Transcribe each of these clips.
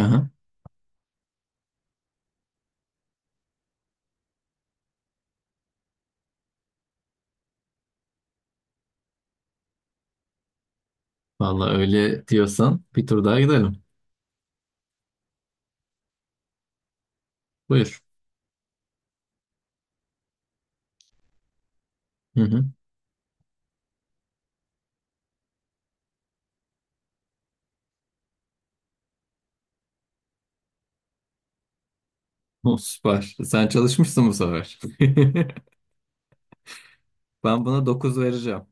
Aha, vallahi öyle diyorsan bir tur daha gidelim. Buyur. Hı hı. Oh, süper. Sen çalışmışsın bu sefer. Ben buna 9 vereceğim.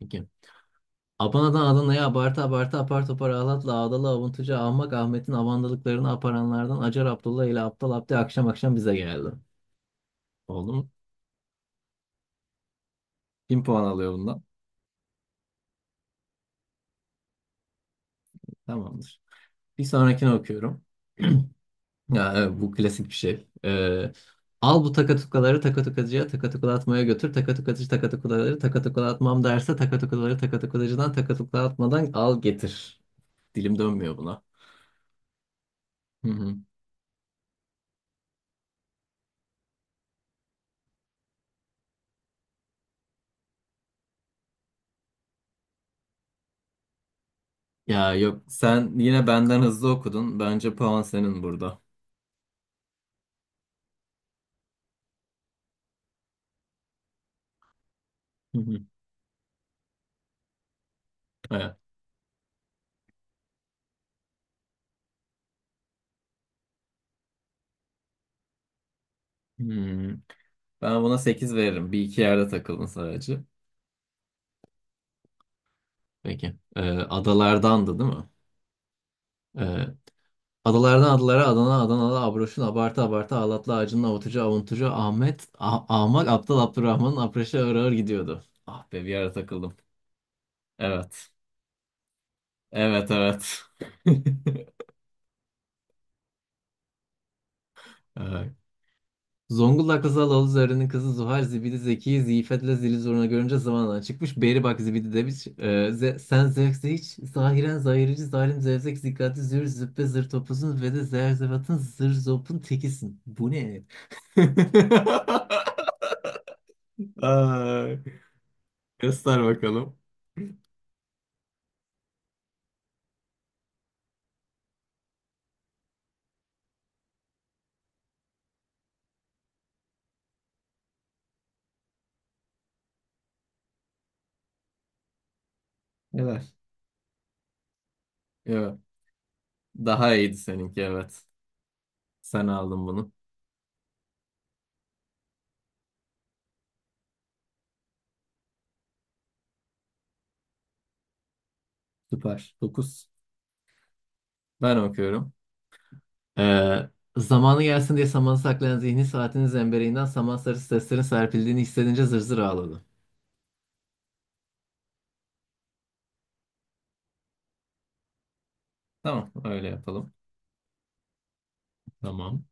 Peki. Abana'dan Adana'ya abartı abartı apar topar ağlatla ağdalı avuntucu ahmak Ahmet'in avandalıklarını aparanlardan Acar Abdullah ile Aptal Abdi akşam akşam bize geldi. Oldu mu? 1.000 puan alıyor bundan. Tamamdır. Bir sonrakini okuyorum. Ya evet, bu klasik bir şey. Al bu takatukaları takatukacıya takatukalatmaya götür. Takatukacı takatukaları takatukalatmam derse takatukaları takatukacıdan takatukalatmadan al getir. Dilim dönmüyor buna. Hı hı. Ya yok sen yine benden hızlı okudun. Bence puan senin burada. Hı hı. Evet. Hmm. Ben buna 8 veririm. Bir iki yerde takıldın sadece. Peki. Adalardandı değil mi? Ee, Adalardan adalara, Adana, Adanalı, Abroş'un abartı abartı, Ağlatlı, Acının avutucu, avuntucu, Ahmet, Ahmak, Aptal, Abdurrahman'ın apreşe ağır ağır gidiyordu. Ah be, bir ara takıldım. Evet. Evet, evet. Evet. Zonguldaklı Zalalı Zöhre'nin kızı Zuhal Zibidi Zeki'yi Ziyfet'le zili zoruna görünce zamanla çıkmış. Beri bak Zibidi demiş. Sen zevkse hiç zahiren zahirici zalim zevzek zikati zür züppe zır topuzun ve de zerzevatın zır zopun tekisin. Bu ne? Ay, göster bakalım. Neler? Evet. Daha iyiydi seninki, evet. Sen aldın bunu. Süper. Dokuz. Ben okuyorum. Ee, zamanı gelsin diye samanı saklayan zihni saatinin zembereğinden saman sarısı seslerin serpildiğini hissedince zır zır ağladı. Tamam, öyle yapalım. Tamam.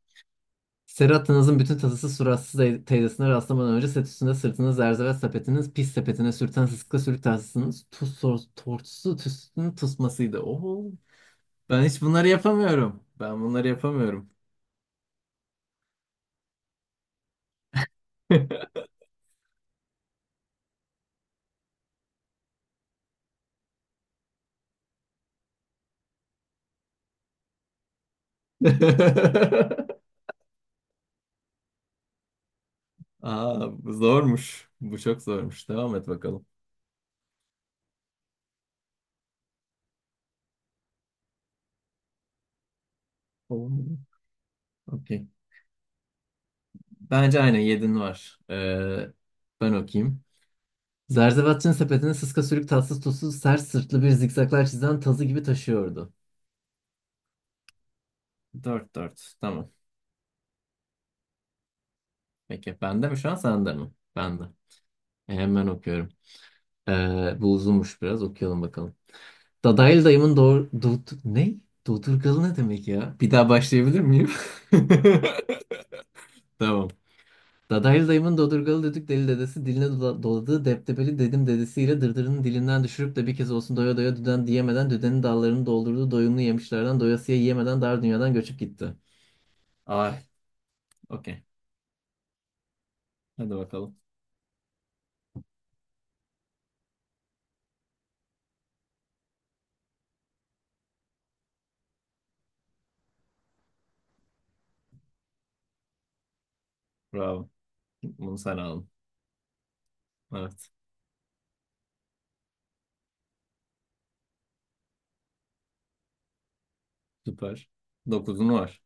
Serhat'ınızın bütün tasası suratsız teyzesine rastlamadan önce set üstünde sırtını zerzevet sepetiniz pis sepetine sürten sıska sürük tahtasınız tuz tortusu tüsünün tusmasıydı. Oho. Ben hiç bunları yapamıyorum. Ben bunları yapamıyorum. Aa, bu zormuş. Bu çok zormuş. Devam et bakalım. Olmadı. Okey. Bence aynen yedin var. Ben okuyayım. Zerzevatçı'nın sepetini sıska sürük tatsız tuzsuz sert sırtlı bir zikzaklar çizen tazı gibi taşıyordu. 4-4. Tamam. Peki. Bende mi şu an, sende mi? Bende. Hemen okuyorum. Bu uzunmuş biraz. Okuyalım bakalım. Dadaylı dayımın doğru... Do ne? Dodurgalı ne demek ya? Bir daha başlayabilir miyim? Tamam. Dadaylı dayımın dodurgalı düdük deli dedesi diline doladığı deptebeli dedim dedesiyle dırdırının dilinden düşürüp de bir kez olsun doya doya düden diyemeden düdenin dallarını doldurduğu doyumlu yemişlerden doyasıya yiyemeden dar dünyadan göçüp gitti. Ay, okey. Hadi bakalım. Bravo. Bunu sen aldın. Evet. Süper. Dokuzunu var.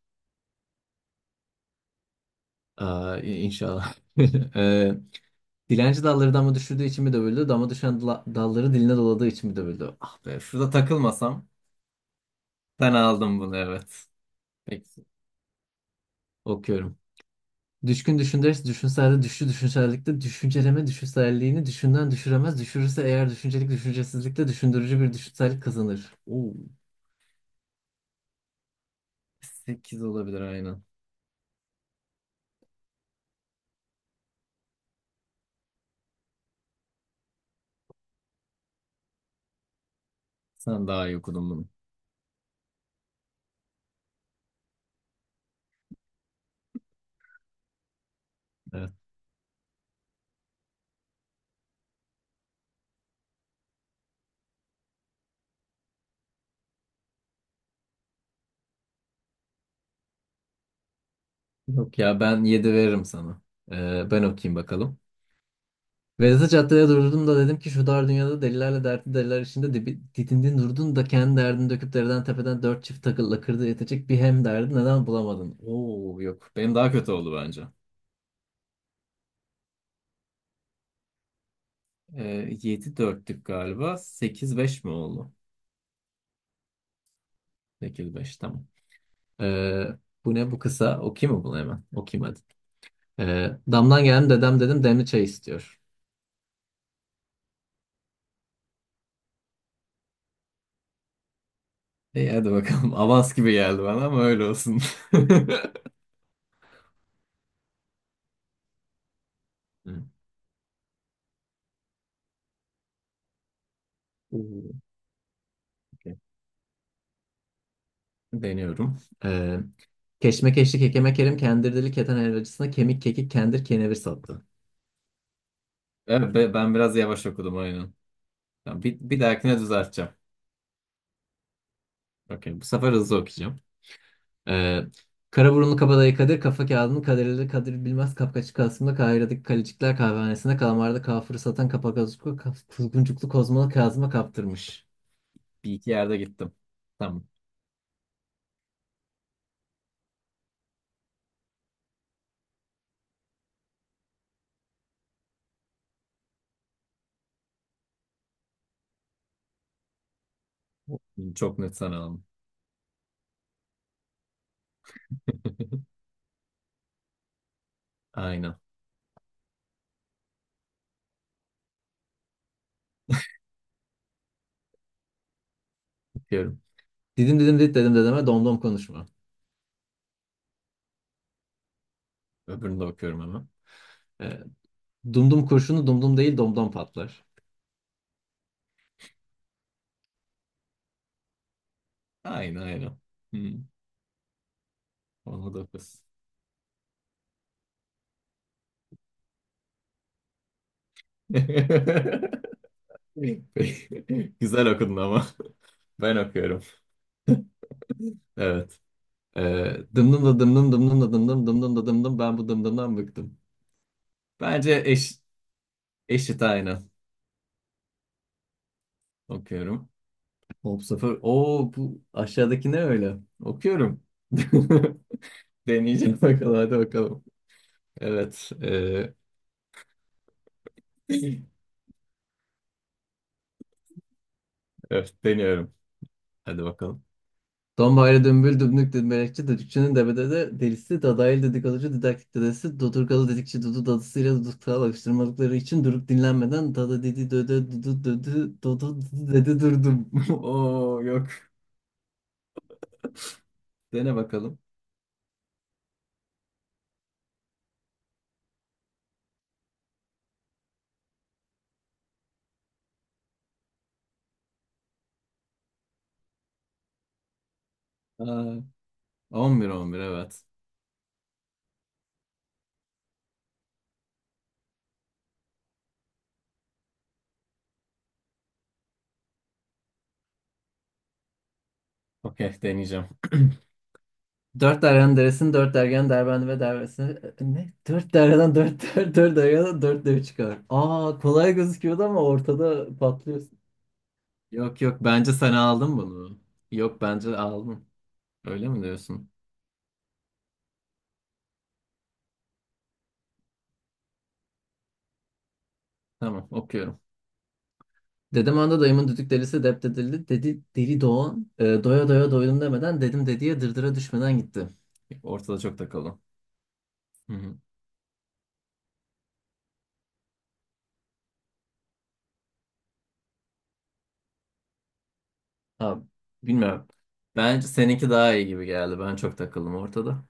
Aa, inşallah. Ee, dilenci dalları dama düşürdüğü için mi dövüldü? Dama düşen dalları diline doladığı için mi dövüldü? Ah be, şurada takılmasam ben aldım bunu, evet. Peki. Okuyorum. Düşkün düşündürüz, düşünselde düşü düşünsellikte düşünceleme düşünselliğini düşünden düşüremez. Düşürürse eğer düşüncelik düşüncesizlikte düşündürücü bir düşünsellik kazanır. Oo, 8 olabilir aynen. Sen daha iyi okudun bunu. Evet. Yok ya, ben 7 veririm sana. Ben okuyayım bakalım. Vedat'ı caddede durdum da dedim ki şu dar dünyada delilerle dertli deliler içinde didindin durdun da kendi derdini döküp deriden tepeden dört çift takılla kırdı yetecek bir hem derdi neden bulamadın? Oo yok, benim daha kötü oldu bence. 7-4'lük galiba, 8-5 mi oldu? 8-5, tamam. Ee, bu ne, bu kısa, okuyayım mı bunu hemen? Okuyayım hadi. Damdan geldim dedem, dedim demli çay istiyor. İyi, hadi bakalım, avans gibi geldi bana ama öyle olsun. Hı. Oo, okey. Deniyorum. Ee, Keşmekeşlik Kekeme Kerim Kendirdili Keten Helvacısına Kemik Kekik Kendir Kenevir sattı. Evet, ben biraz yavaş okudum aynen. Ya bir dahakine düzelteceğim. Okey, bu sefer hızlı okuyacağım. Ee, kara burunlu kabadayı Kadir, kafa kağıdını kaderleri Kadir Bilmez, Kapkaççı Kasım'da Kahire'deki Kalecikler Kahvehanesi'nde kalamarda kafırı satan kapakazuklu kuzguncuklu kozmalı Kazım'a kaptırmış. Bir iki yerde gittim. Tamam. Çok net, sana aldım. Aynen. Okuyorum. Didim didim dit dedim dedeme domdom konuşma. Öbürünü de okuyorum hemen. Ee, Dumdum kurşunu dumdum değil domdom patlar. Aynen, aynen. Hmm. Ona da kız. Güzel okudun ama. Ben okuyorum. Evet. Ee, dımdım da dımdım dımdım da dımdım dımdım da dımdım, ben bu dımdımdan bıktım. Bence eşit, aynı. Okuyorum. Hop sıfır. Oo, bu aşağıdaki ne öyle? Okuyorum. Deneyeceğim. Bakalım, hadi bakalım. Evet. Evet, deniyorum. Hadi bakalım. Dombaylı dümbül dümbük dümbelekçi düdükçünün debede de delisi dadaylı dedikoducu didaktik dedesi dodurgalı dedikçi dudu dadısıyla duduktağı alıştırmalıkları için durup dinlenmeden dada dedi dödö dudu dödü dodu dudu dedi durdum. Oo, yok. Dene bakalım. Aa, 11-11, evet. Okey, deneyeceğim. Dört deryanın deresini dört dergen derbendi ve derbesini ne? Dört deryadan dört der, dört deryadan dört dev çıkar. Aa, kolay gözüküyordu ama ortada patlıyor. Yok yok, bence sen aldın bunu. Yok, bence aldın. Öyle mi diyorsun? Tamam, okuyorum. Dedem anda dayımın düdük delisi dep dedildi. Dedi deli Doğan, doya doya doydum demeden dedim dediye dırdıra düşmeden gitti. Ortada çok takıldım. Hı hı. Abi, bilmiyorum. Bence seninki daha iyi gibi geldi. Ben çok takıldım ortada.